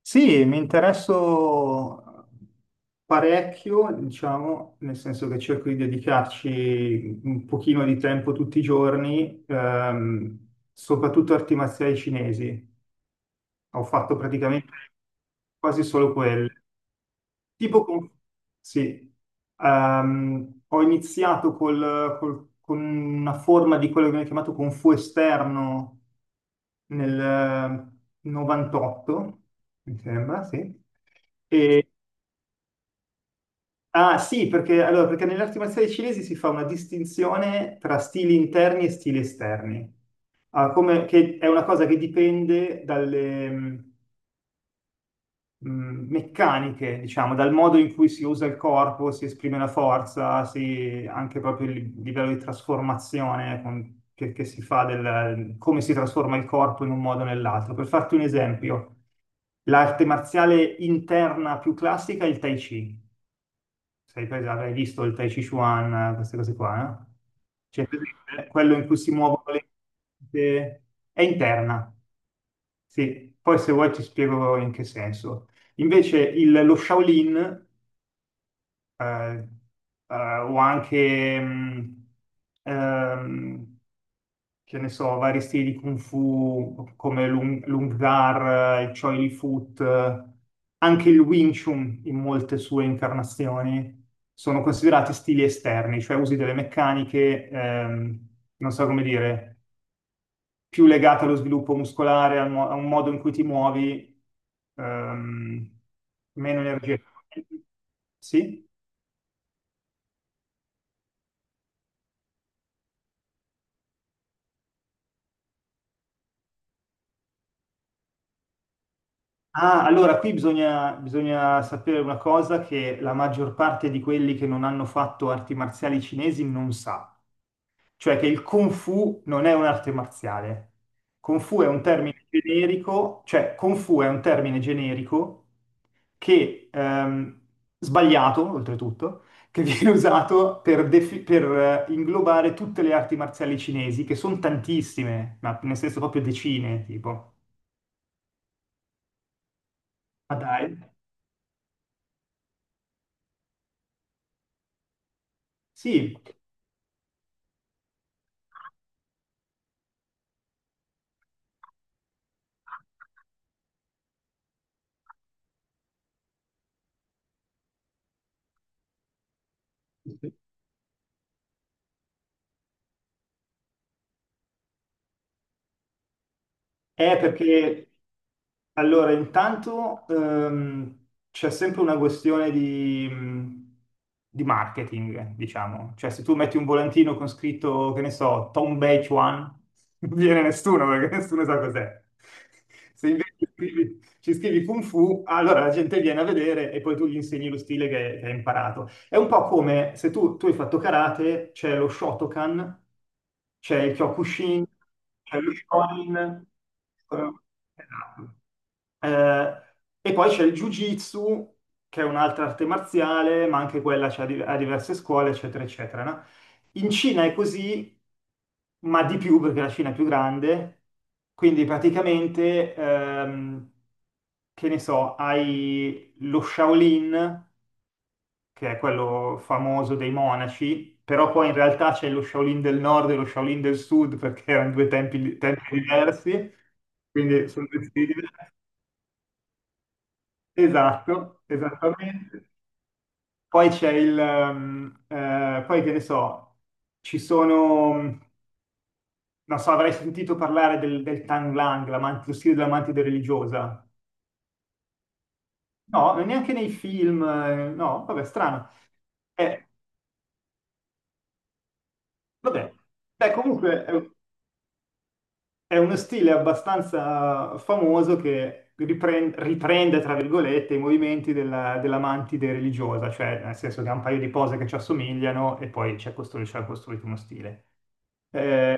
Sì, mi interesso parecchio, diciamo, nel senso che cerco di dedicarci un pochino di tempo tutti i giorni, soprattutto arti marziali cinesi. Ho fatto praticamente quasi solo quelle. Tipo con... Sì. Ho iniziato con una forma di quello che viene chiamato Kung Fu esterno nel 98, mi sembra, sì. E ah sì, perché, allora, perché nelle arti marziali cinesi si fa una distinzione tra stili interni e stili esterni. Ah, che è una cosa che dipende dalle meccaniche, diciamo, dal modo in cui si usa il corpo, si esprime la forza, anche proprio il livello di trasformazione che si fa, del, come si trasforma il corpo in un modo o nell'altro. Per farti un esempio, l'arte marziale interna più classica è il Tai Chi. Avrai visto il Tai Chi Chuan, queste cose qua, no? Cioè, presente? Quello in cui si muovono le le- è interna, sì. Poi se vuoi ti spiego in che senso. Invece lo Shaolin, eh, eh, o anche ehm, che ne so, vari stili di Kung Fu come Lung, Lung Zar, il Choi Li Foot, anche il Wing Chun in molte sue incarnazioni sono considerati stili esterni, cioè usi delle meccaniche, non so come dire, più legate allo sviluppo muscolare, al a un modo in cui ti muovi, ehm, meno energia. Sì? Ah, allora qui bisogna sapere una cosa che la maggior parte di quelli che non hanno fatto arti marziali cinesi non sa, cioè che il Kung Fu non è un'arte marziale. Kung Fu è un termine generico, cioè Kung Fu è un termine generico che, sbagliato oltretutto, che viene usato per, inglobare tutte le arti marziali cinesi, che sono tantissime, ma nel senso proprio decine, tipo. Ma dai. Sì. Perché allora, intanto c'è sempre una questione di marketing, diciamo. Cioè, se tu metti un volantino con scritto, che ne so, Tom Beach One, non viene nessuno perché nessuno sa cos'è. Se invece ci scrivi Kung Fu, allora la gente viene a vedere e poi tu gli insegni lo stile che hai imparato. È un po' come se tu hai fatto karate, c'è lo Shotokan, c'è il Kyokushin, c'è lo Shonin. eh, Esatto. Eh, e poi c'è il Jiu-Jitsu, che è un'altra arte marziale, ma anche quella c'è a diverse scuole, eccetera, eccetera, no? In Cina è così, ma di più perché la Cina è più grande, quindi praticamente, che ne so, hai lo Shaolin, che è quello famoso dei monaci, però poi in realtà c'è lo Shaolin del nord e lo Shaolin del sud perché erano due tempi diversi, quindi sono due stili diversi. Esatto, esattamente. Poi c'è il, poi che ne so, ci sono, non so, avrai sentito parlare del, del Tang Lang, lo stile dell'amantide religiosa. No, non neanche nei film, no, vabbè, strano. Eh, vabbè, beh, comunque, è uno stile abbastanza famoso che riprende, tra virgolette, i movimenti della, della mantide religiosa, cioè nel senso che ha un paio di pose che ci assomigliano e poi ci ha costruito uno stile. Eh,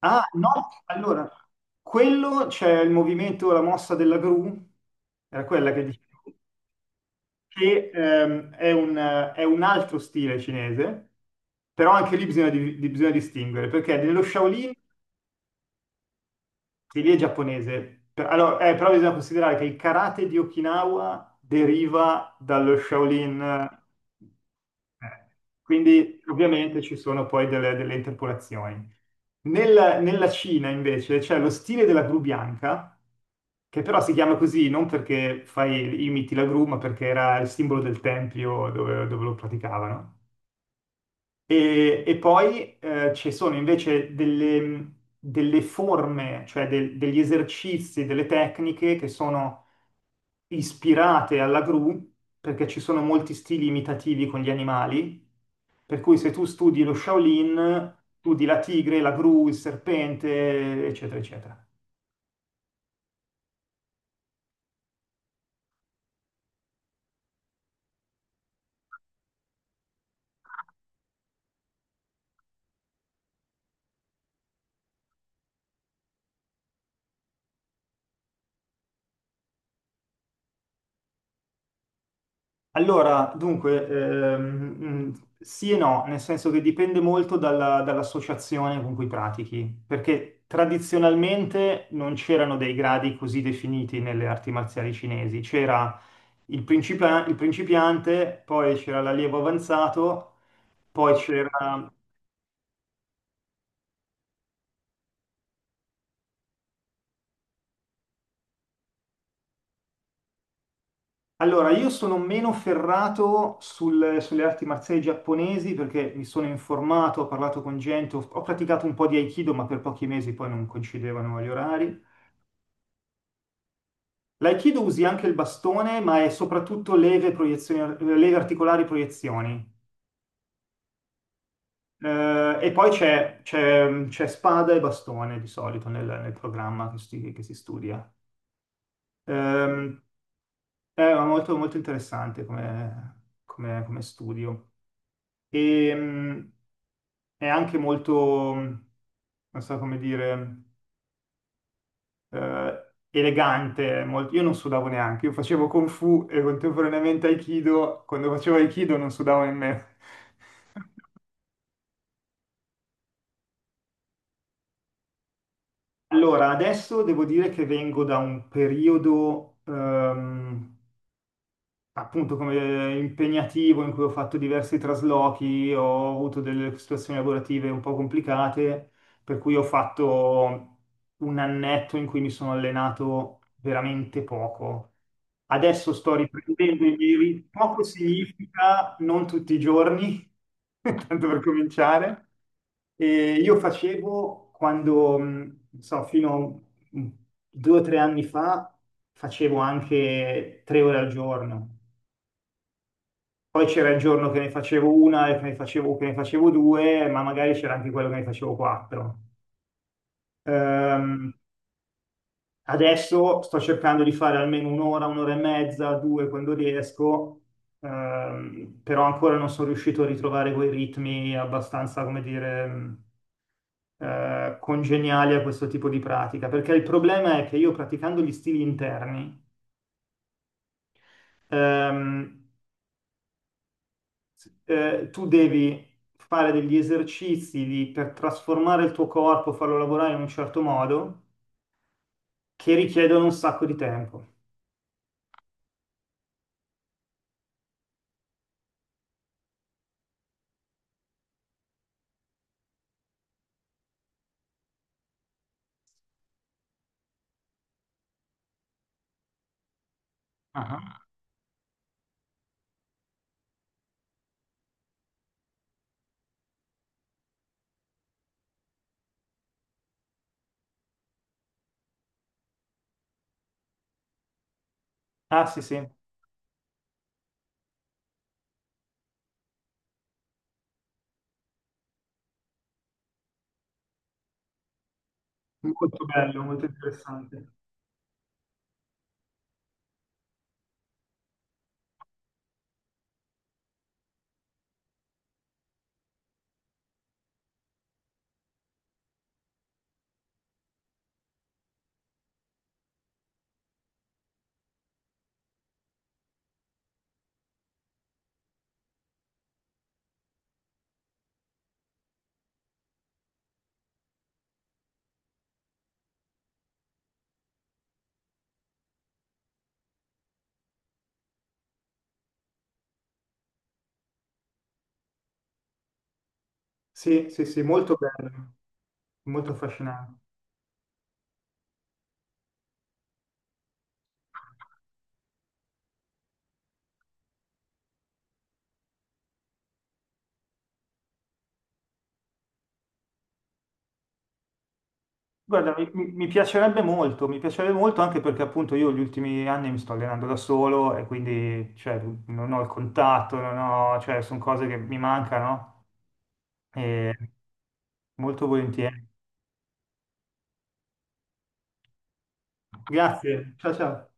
ah, no, allora, quello c'è il movimento, la mossa della gru, era quella che dicevo, che è un altro stile cinese, però anche lì bisogna, bisogna distinguere, perché nello Shaolin sì, lì è giapponese. Allora, però bisogna considerare che il karate di Okinawa deriva dallo Shaolin, eh, quindi ovviamente ci sono poi delle, delle interpolazioni. Nella Cina invece c'è lo stile della gru bianca, che però si chiama così non perché fai, imiti la gru, ma perché era il simbolo del tempio dove lo praticavano. E poi ci sono invece delle, delle forme, cioè degli esercizi, delle tecniche che sono ispirate alla gru, perché ci sono molti stili imitativi con gli animali. Per cui se tu studi lo Shaolin, studi la tigre, la gru, il serpente, eccetera, eccetera. Allora, dunque, sì e no, nel senso che dipende molto dall'associazione con cui pratichi, perché tradizionalmente non c'erano dei gradi così definiti nelle arti marziali cinesi, c'era il principiante, poi c'era l'allievo avanzato, poi c'era... Allora, io sono meno ferrato sulle arti marziali giapponesi perché mi sono informato, ho parlato con gente, ho, ho praticato un po' di Aikido, ma per pochi mesi poi non coincidevano gli orari. L'aikido usi anche il bastone, ma è soprattutto leve, leve articolari proiezioni. E poi c'è spada e bastone di solito nel, nel programma che si studia. Ehm, è molto, molto interessante come, come studio. E, è anche molto, non so come dire, eh, elegante. Io non sudavo neanche, io facevo Kung Fu e contemporaneamente Aikido. Quando facevo Aikido non sudavo nemmeno. Allora, adesso devo dire che vengo da un periodo, appunto come impegnativo in cui ho fatto diversi traslochi, ho avuto delle situazioni lavorative un po' complicate, per cui ho fatto un annetto in cui mi sono allenato veramente poco. Adesso sto riprendendo i miei ritmi. Poco significa non tutti i giorni, tanto per cominciare. E io facevo quando, non so, fino a un- 2 o 3 anni fa, facevo anche 3 ore al giorno. Poi c'era il giorno che ne facevo una e che ne facevo due, ma magari c'era anche quello che ne facevo quattro. Ehm, adesso sto cercando di fare almeno un'ora, un'ora e mezza, due quando riesco, però ancora non sono riuscito a ritrovare quei ritmi abbastanza, come dire, congeniali a questo tipo di pratica, perché il problema è che io praticando gli stili interni, ehm, sì. Tu devi fare degli esercizi per trasformare il tuo corpo, farlo lavorare in un certo modo, che richiedono un sacco di tempo. Ah, ah, sì, sì, molto bello, molto interessante. Sì, sì, sì, molto bello, molto affascinante. Guarda, mi piacerebbe molto anche perché appunto io gli ultimi anni mi sto allenando da solo e quindi cioè, non ho il contatto, non ho, cioè, sono cose che mi mancano e molto volentieri. Grazie, ciao ciao.